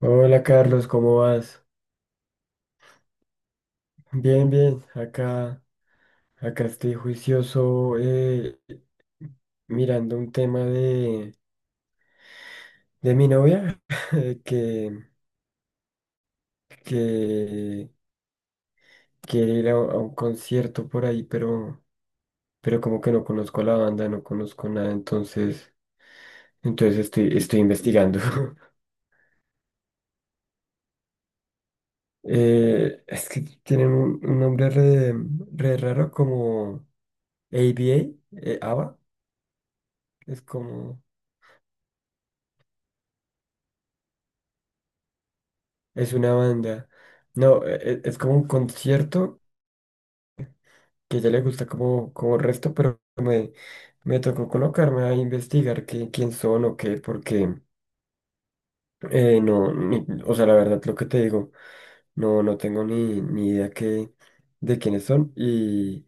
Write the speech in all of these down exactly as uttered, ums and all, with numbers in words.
Hola Carlos, ¿cómo vas? Bien, bien. Acá, acá estoy juicioso eh, mirando un tema de, de mi novia eh, que, que quiere ir a, a un concierto por ahí, pero, pero como que no conozco a la banda, no conozco nada, entonces, entonces estoy, estoy investigando. Eh, es que tienen un, un nombre re, re raro como ABA, eh, ABBA, es como... Es una banda. No, e- e- es como un concierto que ya le gusta como, como resto, pero me, me tocó colocarme a investigar qué, quién son o qué, porque eh, no, ni- o sea, la verdad, lo que te digo, no, no tengo ni, ni idea qué, de quiénes son. Y,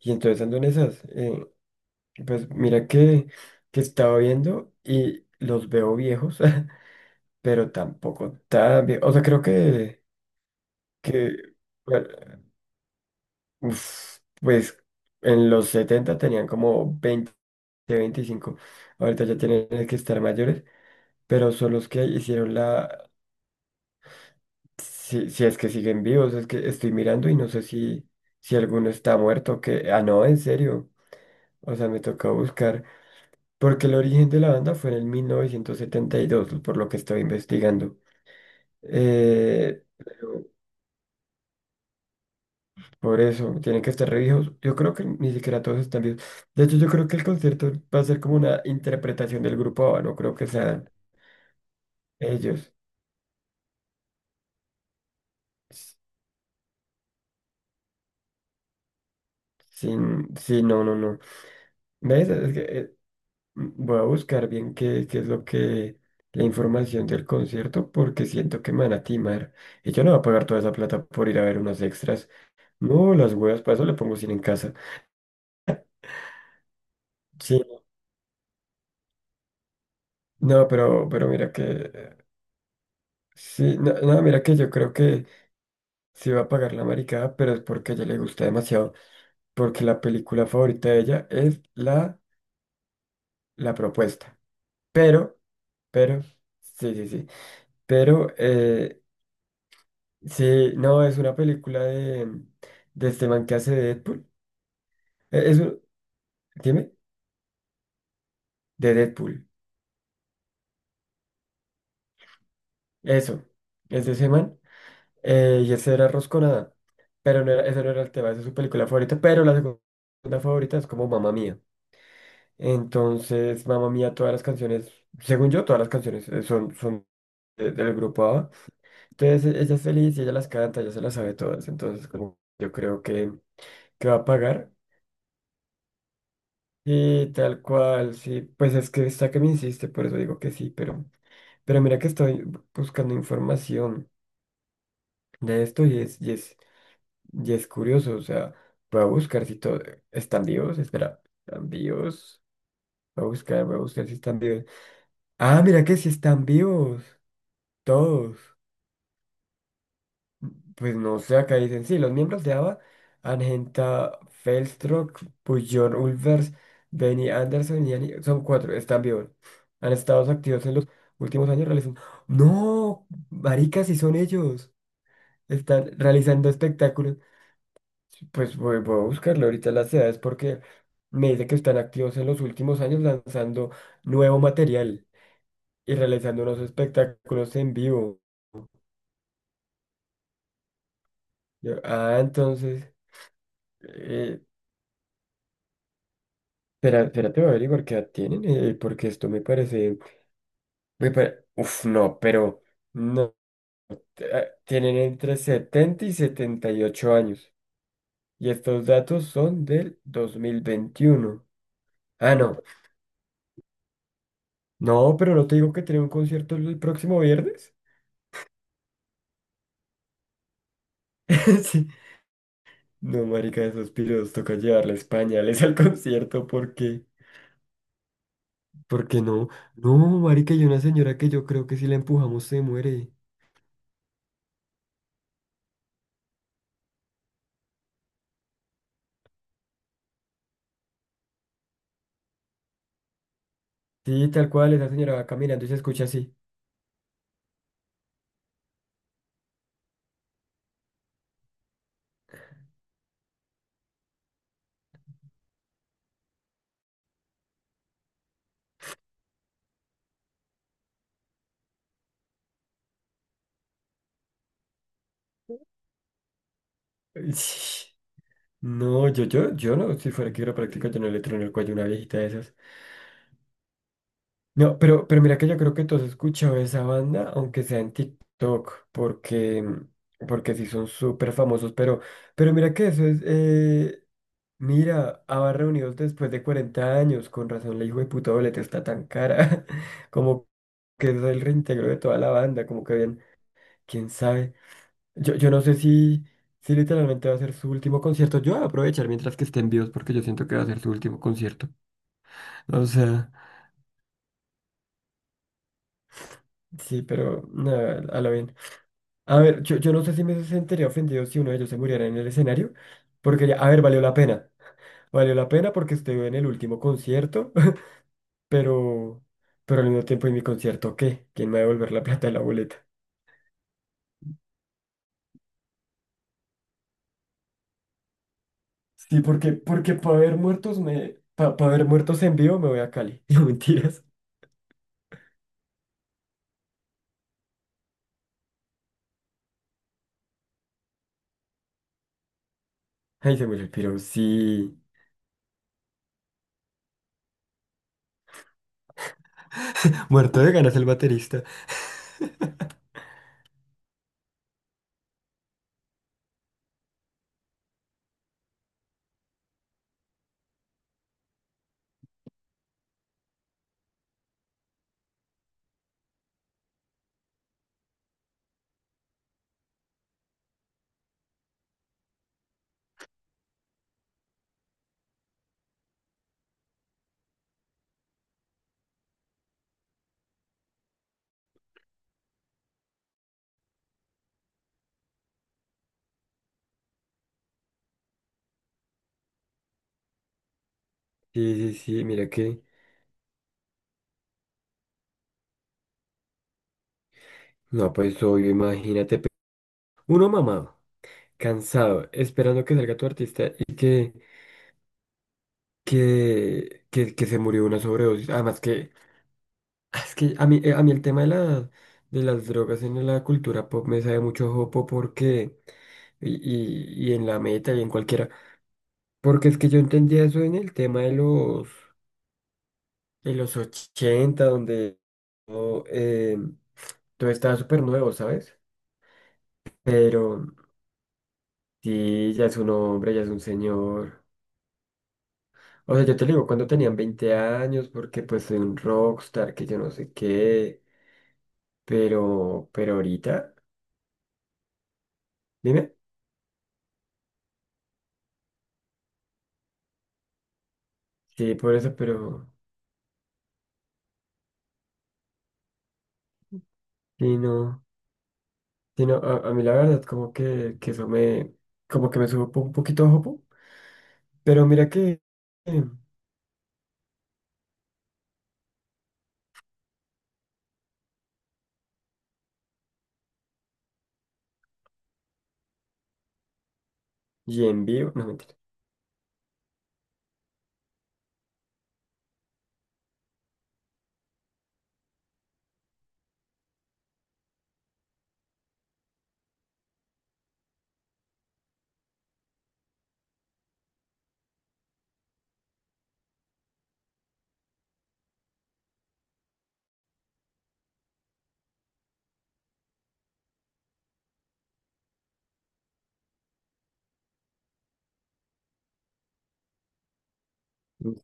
y entonces ando en esas. Eh, pues mira que, que estaba viendo y los veo viejos, pero tampoco tan viejos. O sea, creo que, que bueno, uf, pues en los setenta tenían como veinte veinticinco. Ahorita ya tienen que estar mayores, pero son los que hicieron la... Si, si es que siguen vivos, es que estoy mirando y no sé si, si alguno está muerto, que... Ah, no, en serio. O sea, me toca buscar. Porque el origen de la banda fue en el mil novecientos setenta y dos por lo que estoy investigando. Eh, Por eso, tienen que estar reviejos. Yo creo que ni siquiera todos están vivos. De hecho, yo creo que el concierto va a ser como una interpretación del grupo ABBA, no creo que sean ellos. S- Sin, sí, no, no, no. ¿Ves? Es que, eh, m- voy a buscar bien qué, qué, es lo que, la información del concierto, porque siento que me van a timar. Y yo no voy a pagar toda esa plata por ir a ver unos extras. No, las huevas, para eso le pongo cine en casa. Sí, no, pero, pero mira que, eh, sí, no, no, mira que yo creo que sí va a pagar la maricada, pero es porque a ella le gusta demasiado, porque la película favorita de ella es la, la propuesta. Pero, pero, sí, sí, sí. Pero, eh, sí, no, es una película de, de este man que hace de Deadpool. Eh, Es un- dime, de Deadpool. Eso, es de ese man. Eh, y ese era Rosconada. Pero no era, ese no era el tema, esa es su película favorita, pero la segunda favorita es como Mamá Mía. Entonces, Mamma Mía, todas las canciones, según yo, todas las canciones eh, son, son de- del grupo ABBA. Entonces, e- ella es feliz y ella las canta, ella se las sabe todas. Entonces, como yo creo que, que va a pagar. Y tal cual, sí, pues es que está que me insiste, por eso digo que sí, pero, pero mira que estoy buscando información de esto y es, y es, y es curioso, o sea, voy a buscar si todo, están vivos, espera, están vivos, voy a buscar, voy a buscar si están vivos. Ah, mira que sí están vivos. Todos. Pues no sé, acá dicen, sí, los miembros de ABBA, Argenta Felstrock, Björn Ulvaeus, Benny Andersson y Annie, son cuatro, están vivos. Han estado activos en los últimos años realizando... ¡No! Maricas, sí son ellos. Están realizando espectáculos. Pues voy, voy a buscarlo ahorita las edades porque me dice que están activos en los últimos años lanzando nuevo material y realizando unos espectáculos en vivo. Yo, ah, entonces... eh, Espera, espérate, voy a averiguar qué edad tienen, eh, porque esto me parece, me pare- uf, no, pero no. eh, Tienen entre setenta y setenta y ocho años. Y estos datos son del dos mil veintiuno. Ah, no. No, pero no te digo que tiene un concierto el próximo viernes. Sí. No, marica, esos piros toca llevarles pañales al concierto porque... Porque no. No, marica, y una señora que yo creo que si la empujamos se muere. Sí, tal cual, esa señora va caminando y se escucha así. No, yo, yo, yo no, si fuera quiropráctico, yo no le trueno el cuello a una viejita de esas. No, pero, pero, mira que yo creo que todos has escuchado esa banda, aunque sea en TikTok, porque, porque, sí son súper famosos, pero, pero mira que eso es, eh, mira, ABBA reunidos después de cuarenta años, con razón la hijo de puta boleta está tan cara, como que es el reintegro de toda la banda, como que habían quién sabe. Yo, yo no sé si, si literalmente va a ser su último concierto. Yo voy a aprovechar mientras que estén vivos porque yo siento que va a ser su último concierto. O sea, sí, pero nada, a la bien. A ver, yo, yo no sé si me sentiría ofendido si uno de ellos se muriera en el escenario, porque, ya- a ver, valió la pena. Valió la pena porque estuve en el último concierto, pero, pero, al mismo tiempo en mi concierto, ¿qué? ¿Quién me va a devolver la plata de la boleta? Sí, porque, porque para ver muertos me, para ver muertos en vivo me voy a Cali. No mentiras. Ay, se murió el piro, sí. Muerto de ganas el baterista. Sí, sí, sí, mira que. No, pues obvio, imagínate. pe- Uno mamado, cansado, esperando que salga tu artista y que, que, que, que se murió de una sobredosis. Además que, es que a mí, eh, a mí el tema de la, de las drogas en la cultura pop me sabe mucho jopo porque, y, y, y en la meta y en cualquiera, porque es que yo entendía eso en el tema de los, de los ochenta, donde... oh, em, Todo estaba súper nuevo, ¿sabes? Pero sí, ya es un hombre, ya es un señor. O sea, yo te lo digo cuando tenían veinte años, porque pues soy un rockstar, que yo no sé qué. Pero, pero, ahorita, dime. Sí, por eso, pero sí, no. Sí, no, a, a mí la verdad, como que, que eso me, como que me sube un po- un poquito a jopo. Pero mira que, eh, y en vivo, no mentira.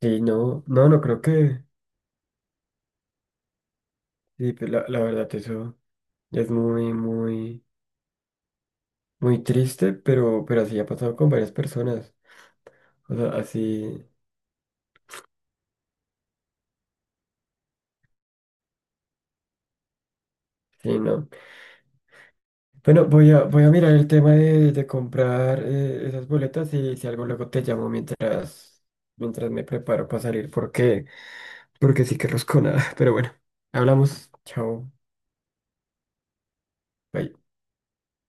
Sí, no, no, no creo que, sí, pues, la, la verdad, eso es muy, muy. Muy triste, pero, pero, así ha pasado con varias personas. O sea, así, sí, no. Bueno, voy a, voy a mirar el tema de, de comprar eh, esas boletas y si algo luego te llamo mientras, mientras, me preparo para salir, porque, porque sí que rosco nada. Pero bueno, hablamos. Chao. Bye